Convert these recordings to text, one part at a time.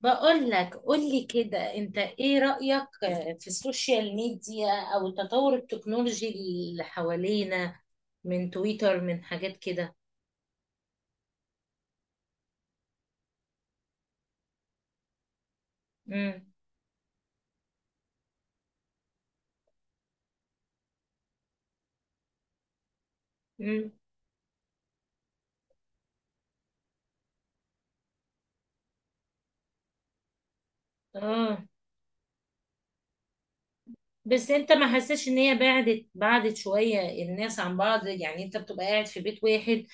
بقول لك قول لي كده انت ايه رأيك في السوشيال ميديا او تطور التكنولوجي اللي حوالينا، من تويتر، من حاجات كده. امم امم اه، بس انت ما حسيتش ان هي بعدت بعدت شوية الناس عن بعض؟ يعني انت بتبقى قاعد في بيت واحد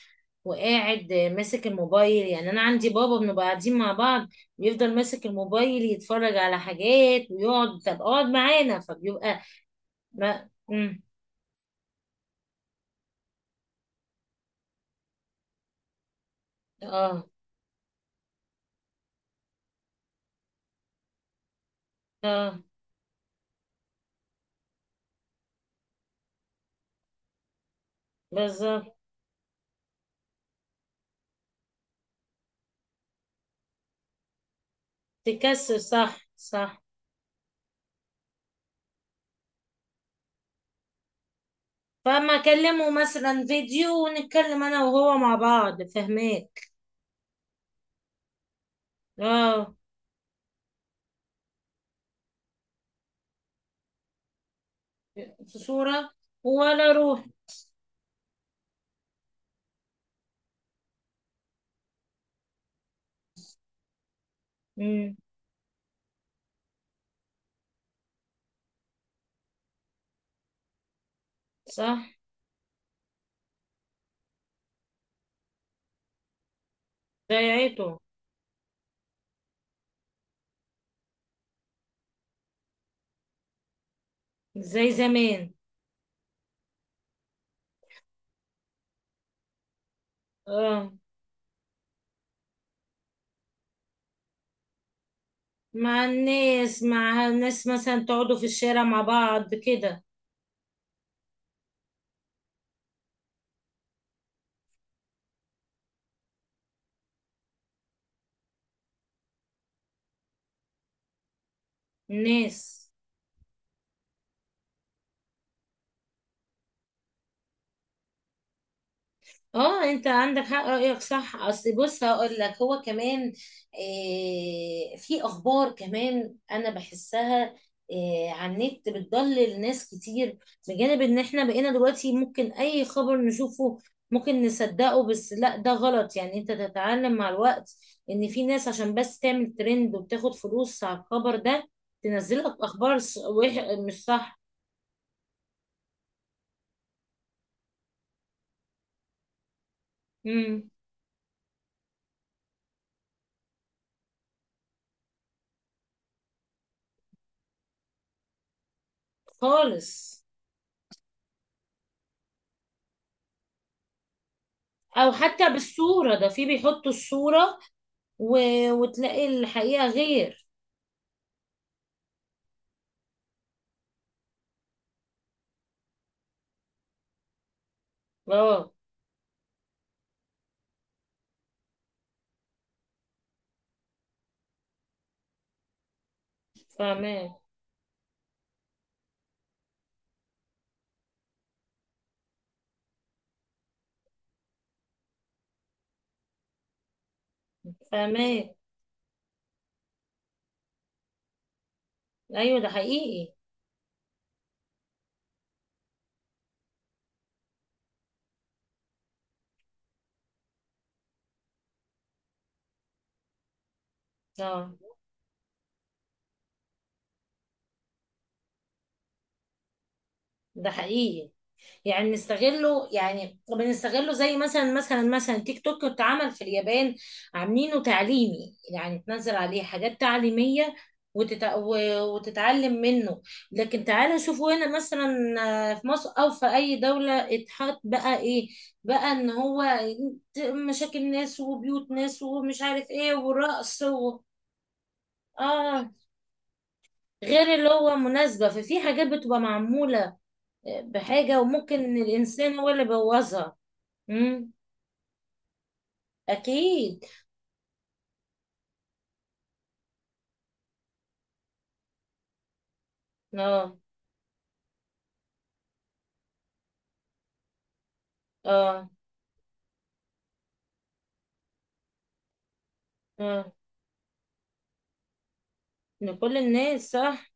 وقاعد ماسك الموبايل. يعني انا عندي بابا بنبقى قاعدين مع بعض، بيفضل ماسك الموبايل يتفرج على حاجات ويقعد، طب اقعد معانا، فبيبقى ما اه، اه، بالظبط. تكسر، صح، صح. فاما اكلمه مثلا فيديو ونتكلم انا وهو مع بعض، فهماك. اه، في صورة. ولا روح. امم صح. ضيعته. زي زمان. اه، مع الناس، مع الناس مثلا تقعدوا في الشارع مع بعض كده. الناس. اه، انت عندك حق، رأيك صح. اصل بص هقول لك، هو كمان آه، في اخبار كمان، انا بحسها آه، على النت بتضلل ناس كتير. بجانب ان احنا بقينا دلوقتي ممكن اي خبر نشوفه ممكن نصدقه، بس لا، ده غلط. يعني انت تتعلم مع الوقت ان في ناس عشان بس تعمل ترند وبتاخد فلوس على الخبر ده تنزلك اخبار مش صح. مم. خالص. او حتى بالصورة، ده في بيحطوا الصورة و... وتلاقي الحقيقة غير. اه، فاهماه، فاهماه. ايوه، ده حقيقي. اه، ده حقيقي. يعني بنستغله، زي مثلا تيك توك اتعمل في اليابان، عاملينه تعليمي. يعني تنزل عليه حاجات تعليمية وتتعلم منه. لكن تعالوا شوفوا هنا مثلا، آه، في مصر او في اي دولة اتحط بقى ايه؟ بقى ان هو مشاكل ناس وبيوت ناس ومش عارف ايه ورقص اه، غير اللي هو مناسبة. ففي حاجات بتبقى معمولة بحاجة وممكن الانسان هو اللي بوظها. امم اكيد. اه، اه، اه، ان كل الناس، صح.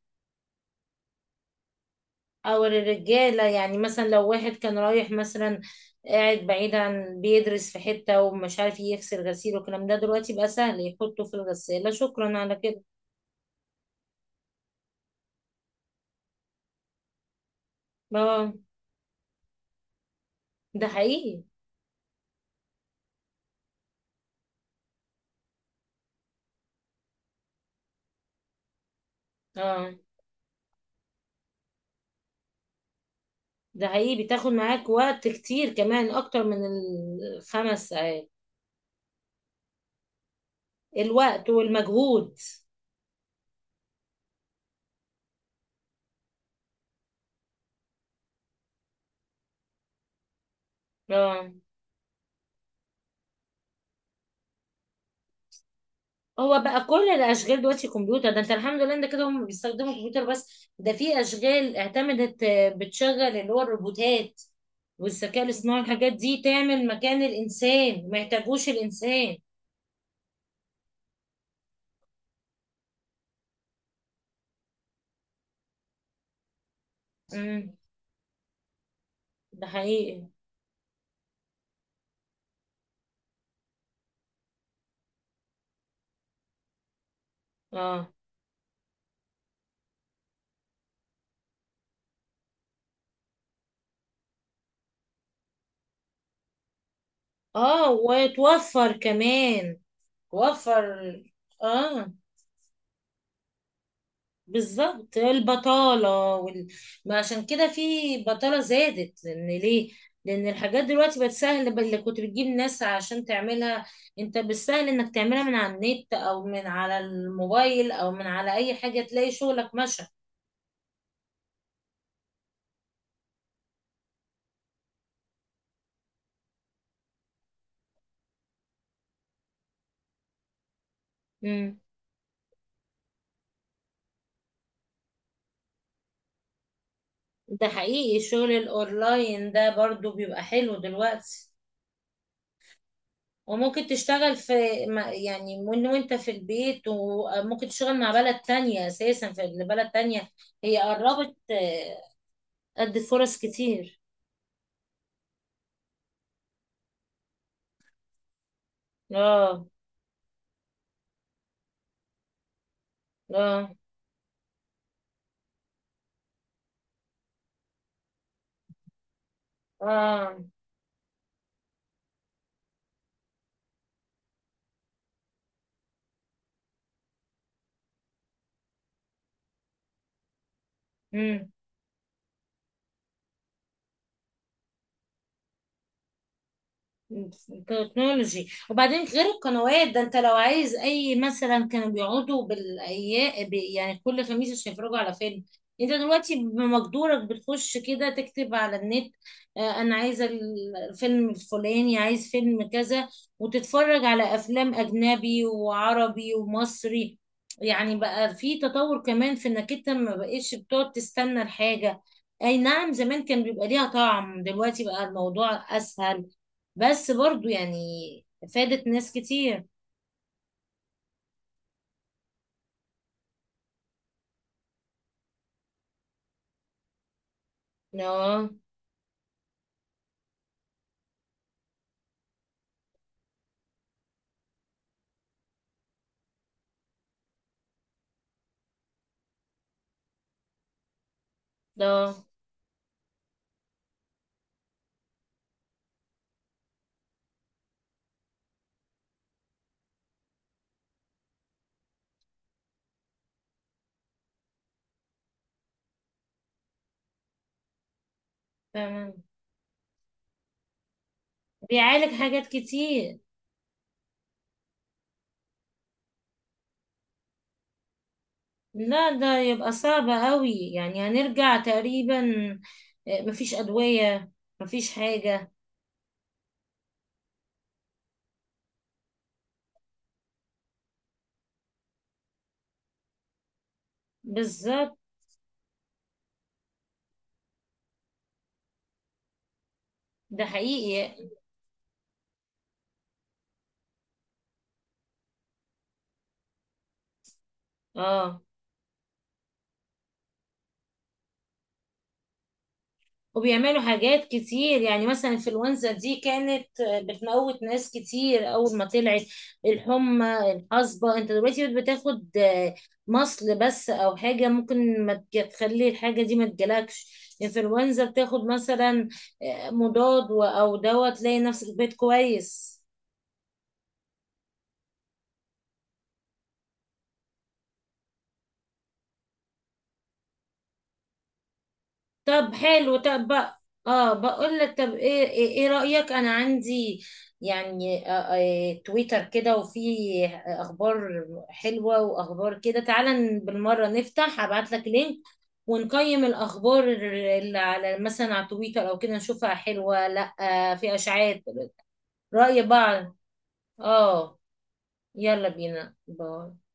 او الرجاله، يعني مثلا لو واحد كان رايح مثلا قاعد بعيد عن بيدرس في حته ومش عارف يغسل غسيل والكلام ده، دلوقتي بقى سهل يحطه في الغساله، شكرا على كده. اه، ده حقيقي. اه، ده حقيقي، بتاخد معاك وقت كتير كمان اكتر من ال 5 ساعات. الوقت والمجهود. اه، هو بقى كل الاشغال دلوقتي كمبيوتر. ده انت الحمد لله، انت كده هم بيستخدموا كمبيوتر. بس ده في اشغال اعتمدت آه، بتشغل اللي هو الروبوتات والذكاء الاصطناعي، الحاجات دي تعمل مكان الانسان، ما يحتاجوش الانسان. امم ده حقيقي. اه، اه، وتوفر كمان. توفر. اه، بالظبط، البطالة ما عشان كده في بطالة زادت. لأن ليه؟ لأن الحاجات دلوقتي بقت سهل، اللي كنت بتجيب ناس عشان تعملها، أنت بالسهل إنك تعملها من على النت أو من على الموبايل أو من على أي حاجة تلاقي شغلك مشى. امم ده حقيقي، الشغل الأونلاين ده برضو بيبقى حلو دلوقتي. وممكن تشتغل في يعني من وانت في البيت. وممكن تشتغل مع بلد تانية، أساسا في بلد تانية، هي قربت، ادي فرص كتير. اه، اه، اه. مم. تكنولوجي. وبعدين غير القنوات ده، انت لو عايز اي مثلا، كانوا بيقعدوا بالايام، يعني كل خميس عشان يتفرجوا على فيلم. انت دلوقتي بمقدورك بتخش كده تكتب على النت آه، انا عايزه الفيلم الفلاني، عايز فيلم كذا، وتتفرج على افلام اجنبي وعربي ومصري. يعني بقى في تطور كمان في انك انت ما بقتش بتقعد تستنى الحاجة. اي نعم، زمان كان بيبقى ليها طعم، دلوقتي بقى الموضوع اسهل، بس برضو يعني فادت ناس كتير. اه، ده تمام، بيعالج حاجات كتير. لا ده يبقى صعب قوي، يعني هنرجع تقريبا آه، مفيش أدوية، مفيش حاجة. بالظبط. ده حقيقي. اه، وبيعملوا حاجات كتير. يعني مثلا الانفلونزا دي كانت بتموت ناس كتير اول ما طلعت. الحمى، الحصبة، انت دلوقتي بتاخد مصل بس او حاجة ممكن ما تج- تخلي الحاجة دي ما تجيلكش. انفلونزا بتاخد مثلا مضاد او دواء تلاقي نفسك بيت كويس. طب حلو. طب بقى اه، بقول لك، طب ايه إيه رأيك؟ انا عندي يعني آه، آه، تويتر كده وفي اخبار حلوة واخبار كده. تعالى بالمرة نفتح، ابعت لك لينك ونقيم الاخبار اللي على، مثلا على تويتر او كده، نشوفها حلوة لا؟ آه، في اشاعات، رأي بعض. اه، يلا بينا، باي.